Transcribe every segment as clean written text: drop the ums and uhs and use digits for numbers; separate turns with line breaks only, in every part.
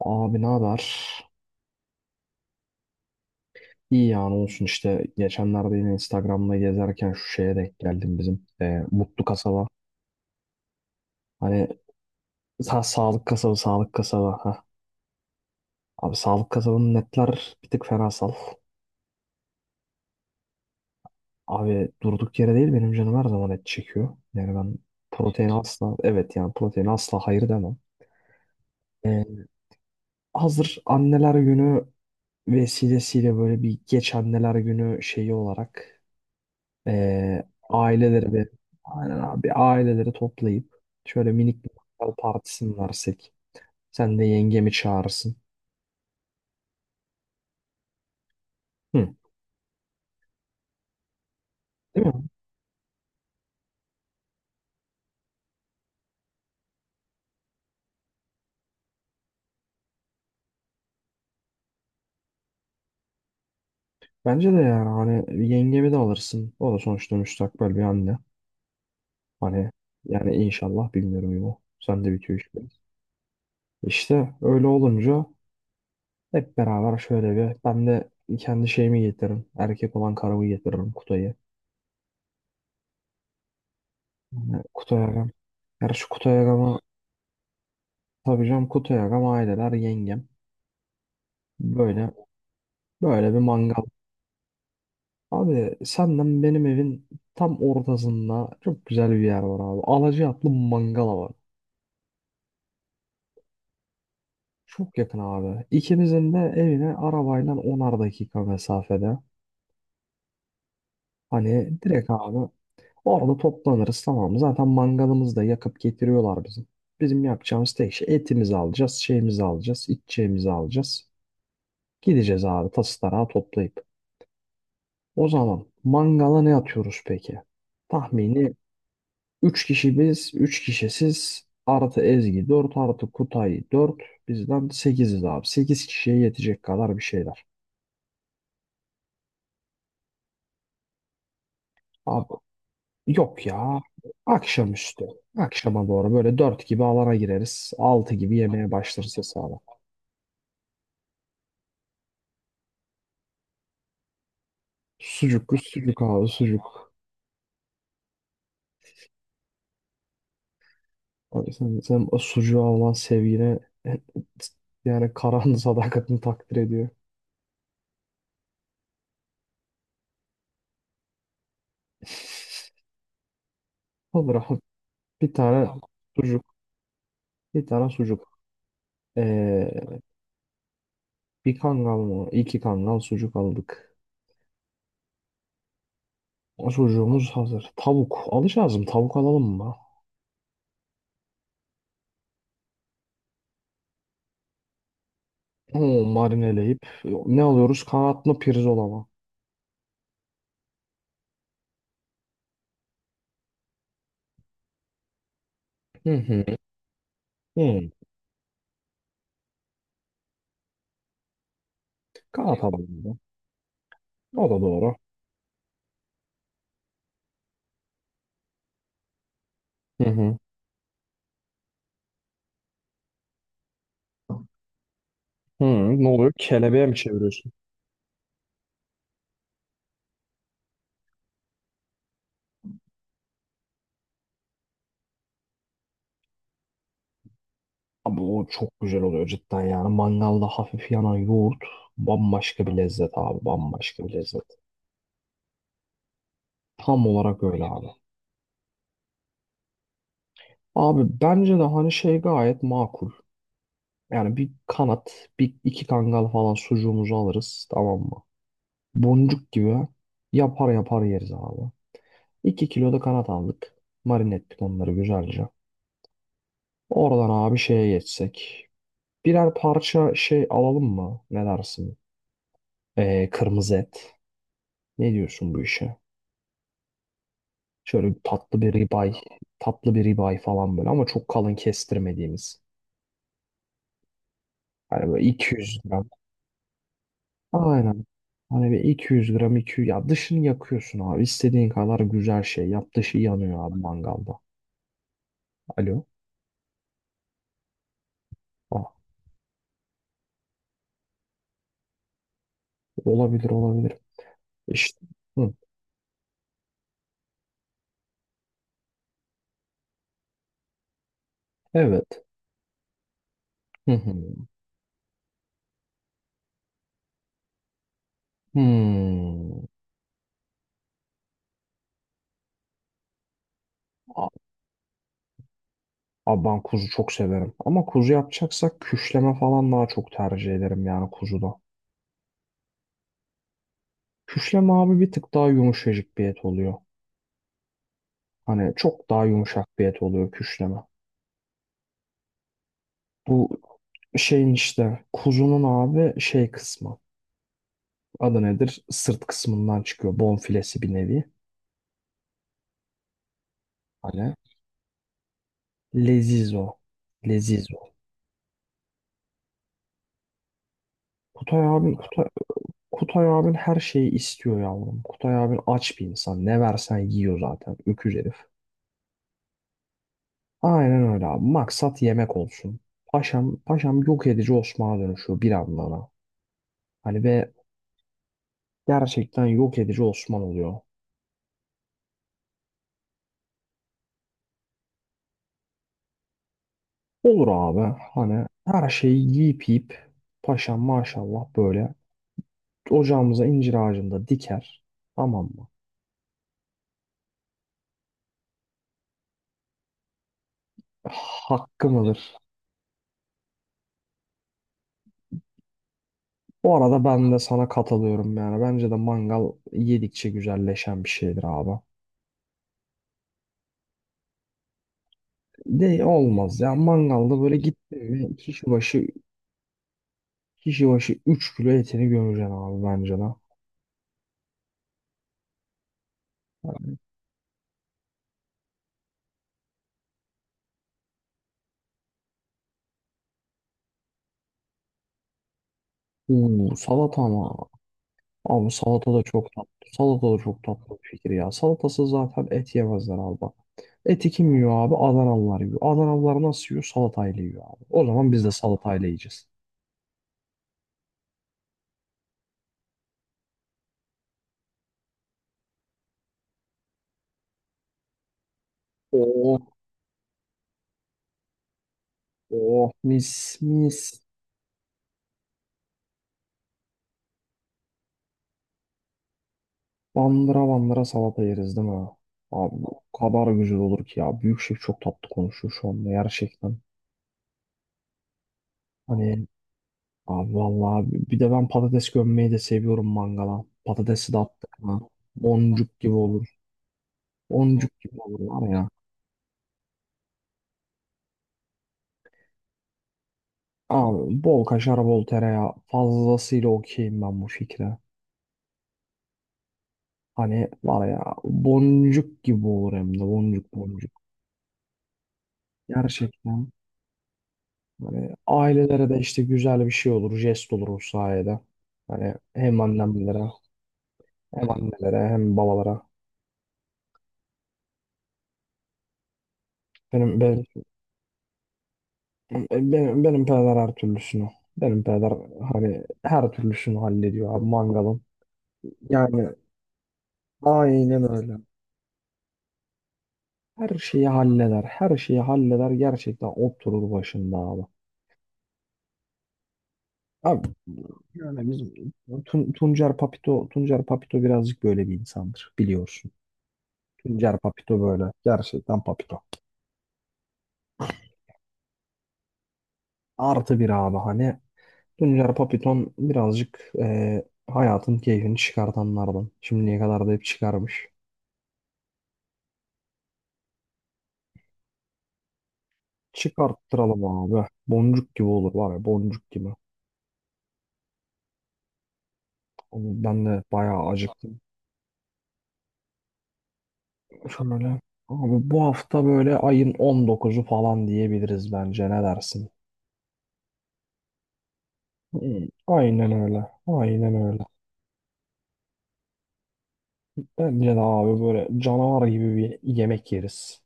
Abi ne haber? İyi yani olsun işte geçenlerde yine Instagram'da gezerken şu şeye denk geldim bizim Mutlu Kasaba. Hani sa sağlık kasabı sağlık kasaba. Ha. Abi sağlık kasabının netler bir tık fenasal. Abi durduk yere değil benim canım her zaman et çekiyor. Yani ben protein asla evet yani protein asla hayır demem. E, hazır anneler günü vesilesiyle böyle bir geç anneler günü şeyi olarak. Ee, aileleri bir, aynen abi aileleri toplayıp şöyle minik bir mangal partisi mi versek? Sen de yengemi çağırırsın. Hı. Değil mi? Bence de yani hani yengemi de alırsın. O da sonuçta müstakbel bir anne. Hani yani inşallah bilmiyorum ya. Sen de bitiyor işte. İşte öyle olunca hep beraber şöyle bir ben de kendi şeyimi getiririm. Erkek olan karımı getiririm, Kutay'ı. Yani Kutay Agam. Gerçi Kutay Agam'a tabii canım, Kutay Agam, aileler, yengem. Böyle Böyle bir mangal. Abi senden benim evin tam ortasında çok güzel bir yer var abi. Alacaatlı mangala var. Çok yakın abi. İkimizin de evine arabayla 10'ar dakika mesafede. Hani direkt abi orada toplanırız, tamam mı? Zaten mangalımızı da yakıp getiriyorlar bizim. Bizim yapacağımız tek şey, etimizi alacağız, şeyimizi alacağız, içeceğimizi alacağız. Gideceğiz abi tası tarağı toplayıp. O zaman mangala ne atıyoruz peki? Tahmini üç kişi biz, 3 kişi siz. Artı Ezgi dört, artı Kutay dört. Bizden 8'iz abi, 8 kişiye yetecek kadar bir şeyler. Abi yok ya. Akşamüstü. Akşama doğru böyle 4 gibi alana gireriz, 6 gibi yemeğe başlarız hesaba. Sucuklu sucuk abi sucuk. Abi sen o sucuğa olan sevgine, yani Karahan'ın sadakatini takdir ediyor. Olur abi. Bir tane sucuk. Bir tane sucuk. Ee, Bir kangal mı? İki kangal sucuk aldık. O sucuğumuz hazır. Tavuk. Alacağız mı? Tavuk alalım mı? Oo, marineleyip. Ne alıyoruz? Kanat mı pirzola mı? Hı hı. Hmm, kanat alalım da. O da doğru. Hı hı. Hı, ne oluyor? Kelebeğe mi çeviriyorsun? Abi o çok güzel oluyor cidden yani. Mangalda hafif yanan yoğurt bambaşka bir lezzet abi. Bambaşka bir lezzet. Tam olarak öyle abi. Abi bence de hani şey gayet makul. Yani bir kanat, bir iki kangal falan sucuğumuzu alırız tamam mı? Boncuk gibi yapar yapar yeriz abi. 2 kilo da kanat aldık. Marine ettik onları güzelce. Oradan abi şeye geçsek. Birer parça şey alalım mı? Ne dersin? Kırmızı et. Ne diyorsun bu işe? Şöyle bir tatlı bir ribeye, tatlı bir ribeye falan böyle ama çok kalın kestirmediğimiz. Hani böyle 200 gram Aynen. Hani bir 200 gram 200 ya dışını yakıyorsun abi. İstediğin kadar güzel şey yap. Dışı yanıyor abi mangalda. Alo. Ah, olabilir olabilir. İşte. Hı. Evet. Hı hı. Hmm. A- Abi ben kuzu çok severim. Ama kuzu yapacaksak küşleme falan daha çok tercih ederim yani kuzuda. Küşleme abi bir tık daha yumuşacık bir et oluyor. Hani çok daha yumuşak bir et oluyor küşleme. Bu şeyin işte kuzunun abi şey kısmı. Adı nedir? Sırt kısmından çıkıyor. Bonfilesi bir nevi. Hani lezizo. Lezizo. Kutay abin, Kutay, Kutay abin her şeyi istiyor yavrum. Kutay abin aç bir insan. Ne versen yiyor zaten. Öküz herif. Aynen öyle abi. Maksat yemek olsun. Paşam, paşam yok edici Osman'a dönüşüyor bir anlamda. Hani ve gerçekten yok edici Osman oluyor. Olur abi. Hani her şeyi yiyip yiyip paşam maşallah böyle ocağımıza incir ağacında diker. Tamam mı? Hakkım mıdır? Bu arada ben de sana katılıyorum yani. Bence de mangal yedikçe güzelleşen bir şeydir abi. De olmaz ya. Mangalda böyle gittin mi kişi başı 3 kilo etini gömeceksin abi, bence de. Oo, salata ama. Abi salata da çok tatlı. Salata da çok tatlı bir fikir ya. Salatası zaten et yemezler abi bak. Eti kim yiyor abi? Adanalılar yiyor. Adanalılar nasıl yiyor? Salatayla yiyor abi. O zaman biz de salatayla yiyeceğiz. Oo oh, mis mis. Bandıra bandıra salata yeriz, değil mi? Abi o kadar güzel olur ki ya. Büyük şef çok tatlı konuşuyor şu anda, gerçekten. Hani abi vallahi bir de ben patates gömmeyi de seviyorum mangala. Patatesi de attık mı? Boncuk gibi olur. Boncuk gibi olur var ya. Abi bol kaşar bol tereyağı fazlasıyla okeyim ben bu fikre. Hani var ya, boncuk gibi olur, hem de boncuk boncuk. Gerçekten. Hani ailelere de işte güzel bir şey olur, jest olur o sayede. Hani hem annemlere, hem annelere, hem babalara. Benim benim benim peder her türlüsünü. Benim peder hani her türlüsünü hallediyor abi mangalın. Yani aynen öyle. Her şeyi halleder. Her şeyi halleder. Gerçekten oturur başında abi. Abi yani bizim Tuncer Papito birazcık böyle bir insandır biliyorsun. Tuncer Papito böyle. Gerçekten Papito. Artı bir abi hani Tuncer Papiton birazcık hayatın keyfini çıkartanlardan. Şimdiye kadar da hep çıkarmış. Çıkarttıralım abi. Boncuk gibi olur var ya, boncuk gibi. Oğlum, ben de bayağı acıktım. Şöyle abi bu hafta böyle ayın 19'u falan diyebiliriz, bence ne dersin? Hmm, aynen öyle. Aynen öyle. Bence de abi böyle canavar gibi bir yemek yeriz.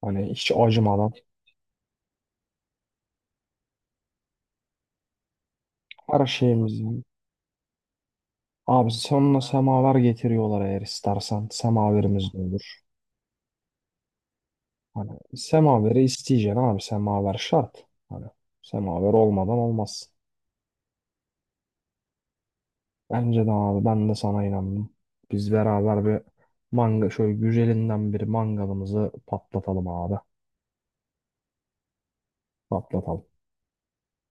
Hani hiç acımadan, her şeyimiz. Abi sonuna semaver getiriyorlar eğer istersen. Semaverimiz de olur. Hani semaveri isteyeceksin abi. Semaver şart. Hani semaver olmadan olmaz. Bence de abi, ben de sana inandım. Biz beraber bir manga şöyle güzelinden bir mangalımızı patlatalım abi. Patlatalım.